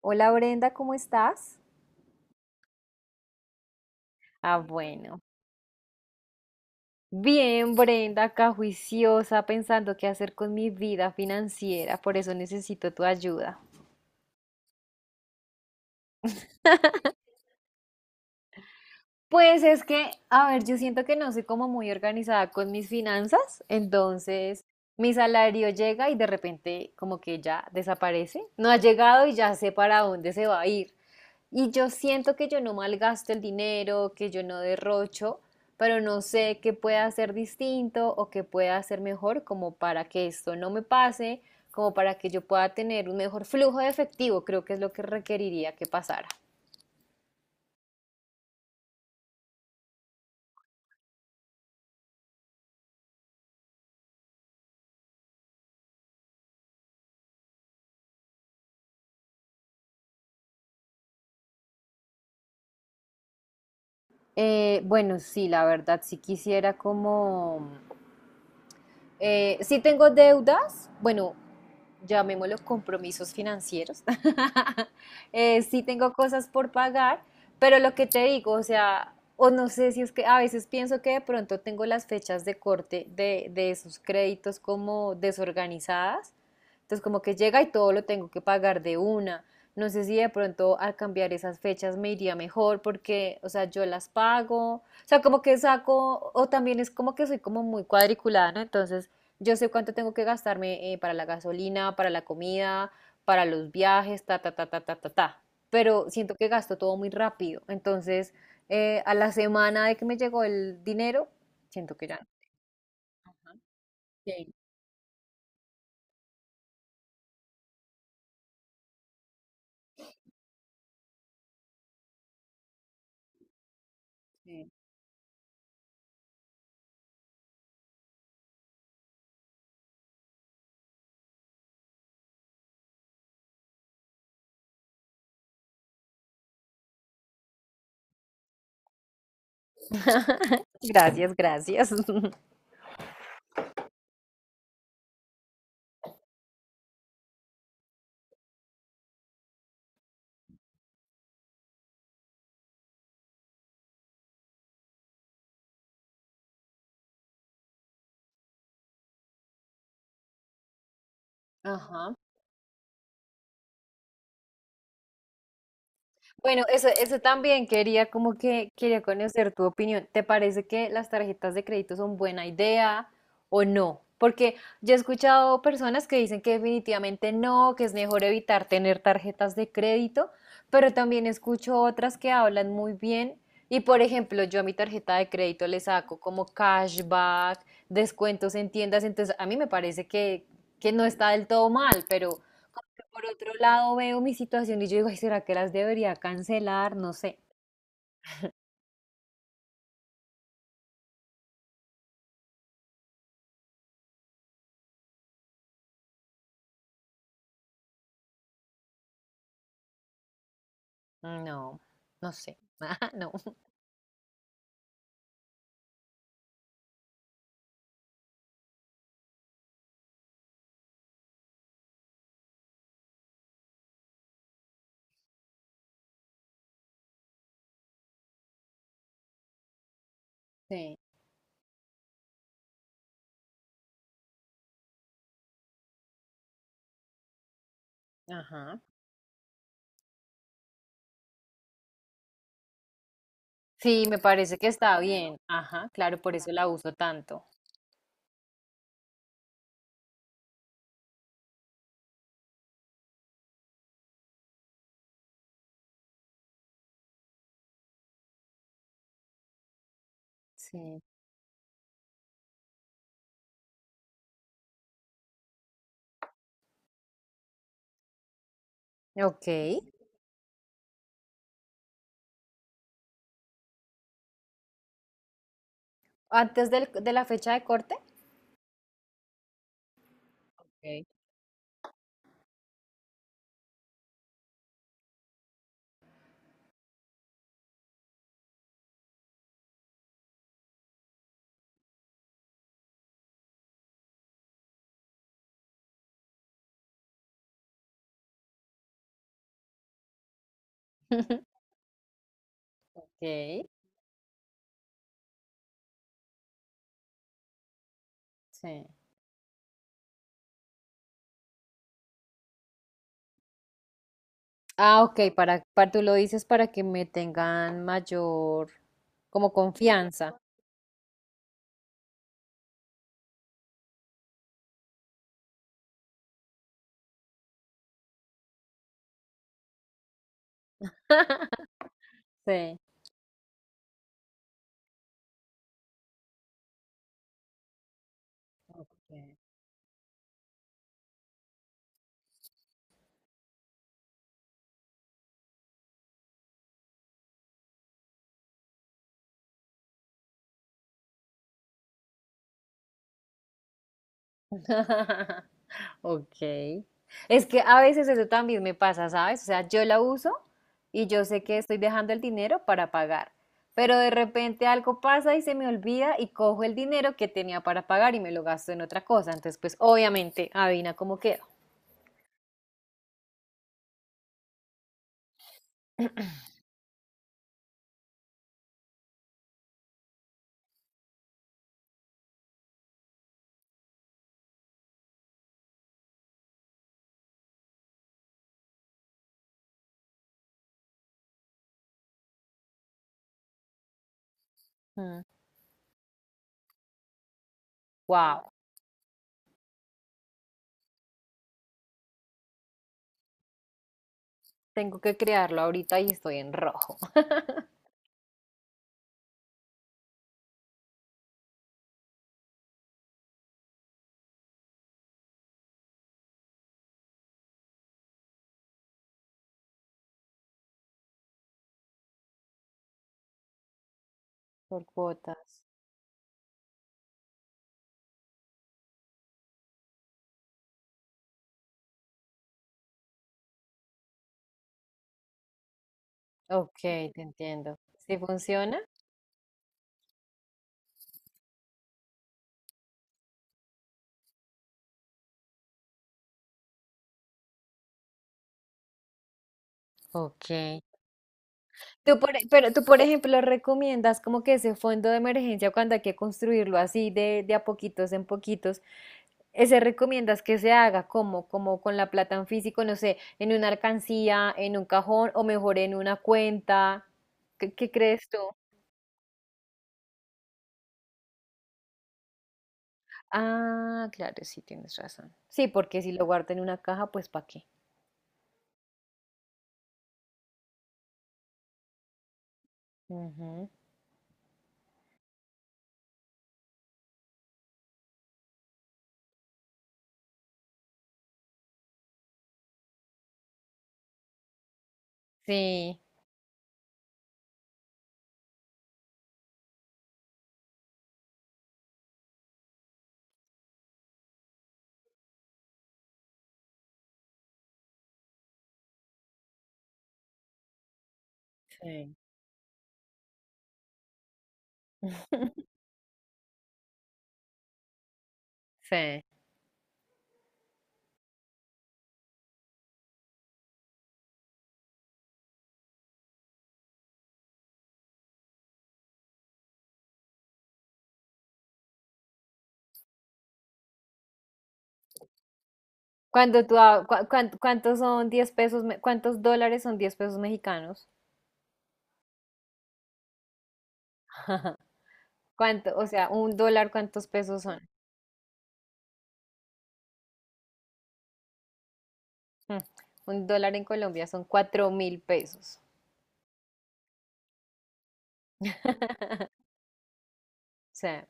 Hola Brenda, ¿cómo estás? Ah, bueno. Bien, Brenda, acá juiciosa, pensando qué hacer con mi vida financiera, por eso necesito tu ayuda. Pues es que, a ver, yo siento que no soy como muy organizada con mis finanzas, entonces mi salario llega y de repente como que ya desaparece, no ha llegado y ya sé para dónde se va a ir. Y yo siento que yo no malgasto el dinero, que yo no derrocho, pero no sé qué pueda hacer distinto o qué pueda hacer mejor como para que esto no me pase, como para que yo pueda tener un mejor flujo de efectivo, creo que es lo que requeriría que pasara. Bueno, sí, la verdad, sí quisiera como. Sí tengo deudas, bueno, llamémoslo compromisos financieros. Sí tengo cosas por pagar, pero lo que te digo, o sea, o no sé si es que a veces pienso que de pronto tengo las fechas de corte de esos créditos como desorganizadas. Entonces como que llega y todo lo tengo que pagar de una. No sé si de pronto al cambiar esas fechas me iría mejor porque, o sea, yo las pago. O sea, como que saco, o también es como que soy como muy cuadriculada, ¿no? Entonces yo sé cuánto tengo que gastarme para la gasolina, para la comida, para los viajes, ta, ta, ta, ta, ta, ta, ta. Pero siento que gasto todo muy rápido. Entonces, a la semana de que me llegó el dinero, siento que ya. No. Ajá, sí, sí. Gracias, gracias. Ajá. Bueno, eso también quería como que quería conocer tu opinión. ¿Te parece que las tarjetas de crédito son buena idea o no? Porque yo he escuchado personas que dicen que definitivamente no, que es mejor evitar tener tarjetas de crédito, pero también escucho otras que hablan muy bien. Y por ejemplo, yo a mi tarjeta de crédito le saco como cashback, descuentos en tiendas, entonces a mí me parece que no está del todo mal, pero. Por otro lado, veo mi situación y yo digo, ay, ¿será que las debería cancelar? No sé. No, no sé. Ajá, no. Sí, ajá. Sí, me parece que está bien. Ajá, claro, por eso la uso tanto. Sí. Ok. ¿Antes del- de la fecha de corte? Ok. Ok. Sí. Ah, ok, para tú lo dices para que me tengan mayor como confianza. Sí. Ok. Ok. Es que a veces eso también me pasa, ¿sabes? O sea, yo la uso y yo sé que estoy dejando el dinero para pagar, pero de repente algo pasa y se me olvida y cojo el dinero que tenía para pagar y me lo gasto en otra cosa. Entonces, pues obviamente, adivina cómo quedo. Wow, tengo que crearlo ahorita y estoy en rojo. Por cuotas. Ok, te entiendo. ¿Sí funciona? Ok. Pero tú, por ejemplo, recomiendas como que ese fondo de emergencia cuando hay que construirlo así de a poquitos en poquitos, ese recomiendas que se haga como, como con la plata en físico, no sé, en una alcancía, en un cajón o mejor en una cuenta. ¿Qué, qué crees tú? Ah, claro, sí, tienes razón. Sí, porque si lo guardo en una caja, pues ¿para qué? Ujú. Sí, sí, sí. Cuando tú, ha- cua- cuan- ¿cuántos son 10 pesos, cuántos dólares son 10 pesos mexicanos? ¿Cuánto? O sea, un dólar, ¿cuántos pesos son? Hmm, Un dólar en Colombia son 4.000 pesos. O sea,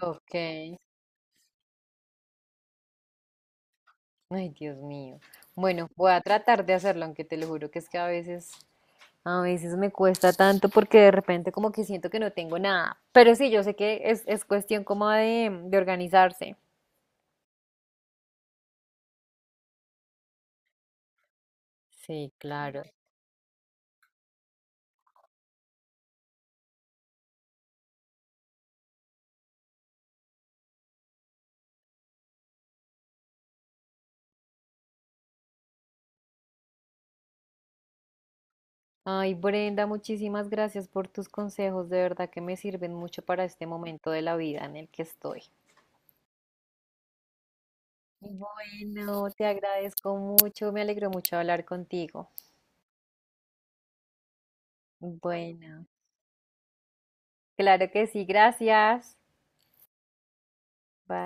ok. Ay, Dios mío. Bueno, voy a tratar de hacerlo, aunque te lo juro que es que a veces me cuesta tanto porque de repente como que siento que no tengo nada. Pero sí, yo sé que es cuestión como de organizarse. Sí, claro. Ay, Brenda, muchísimas gracias por tus consejos. De verdad que me sirven mucho para este momento de la vida en el que estoy. Bueno, te agradezco mucho, me alegro mucho hablar contigo. Bueno, claro que sí, gracias. Bye.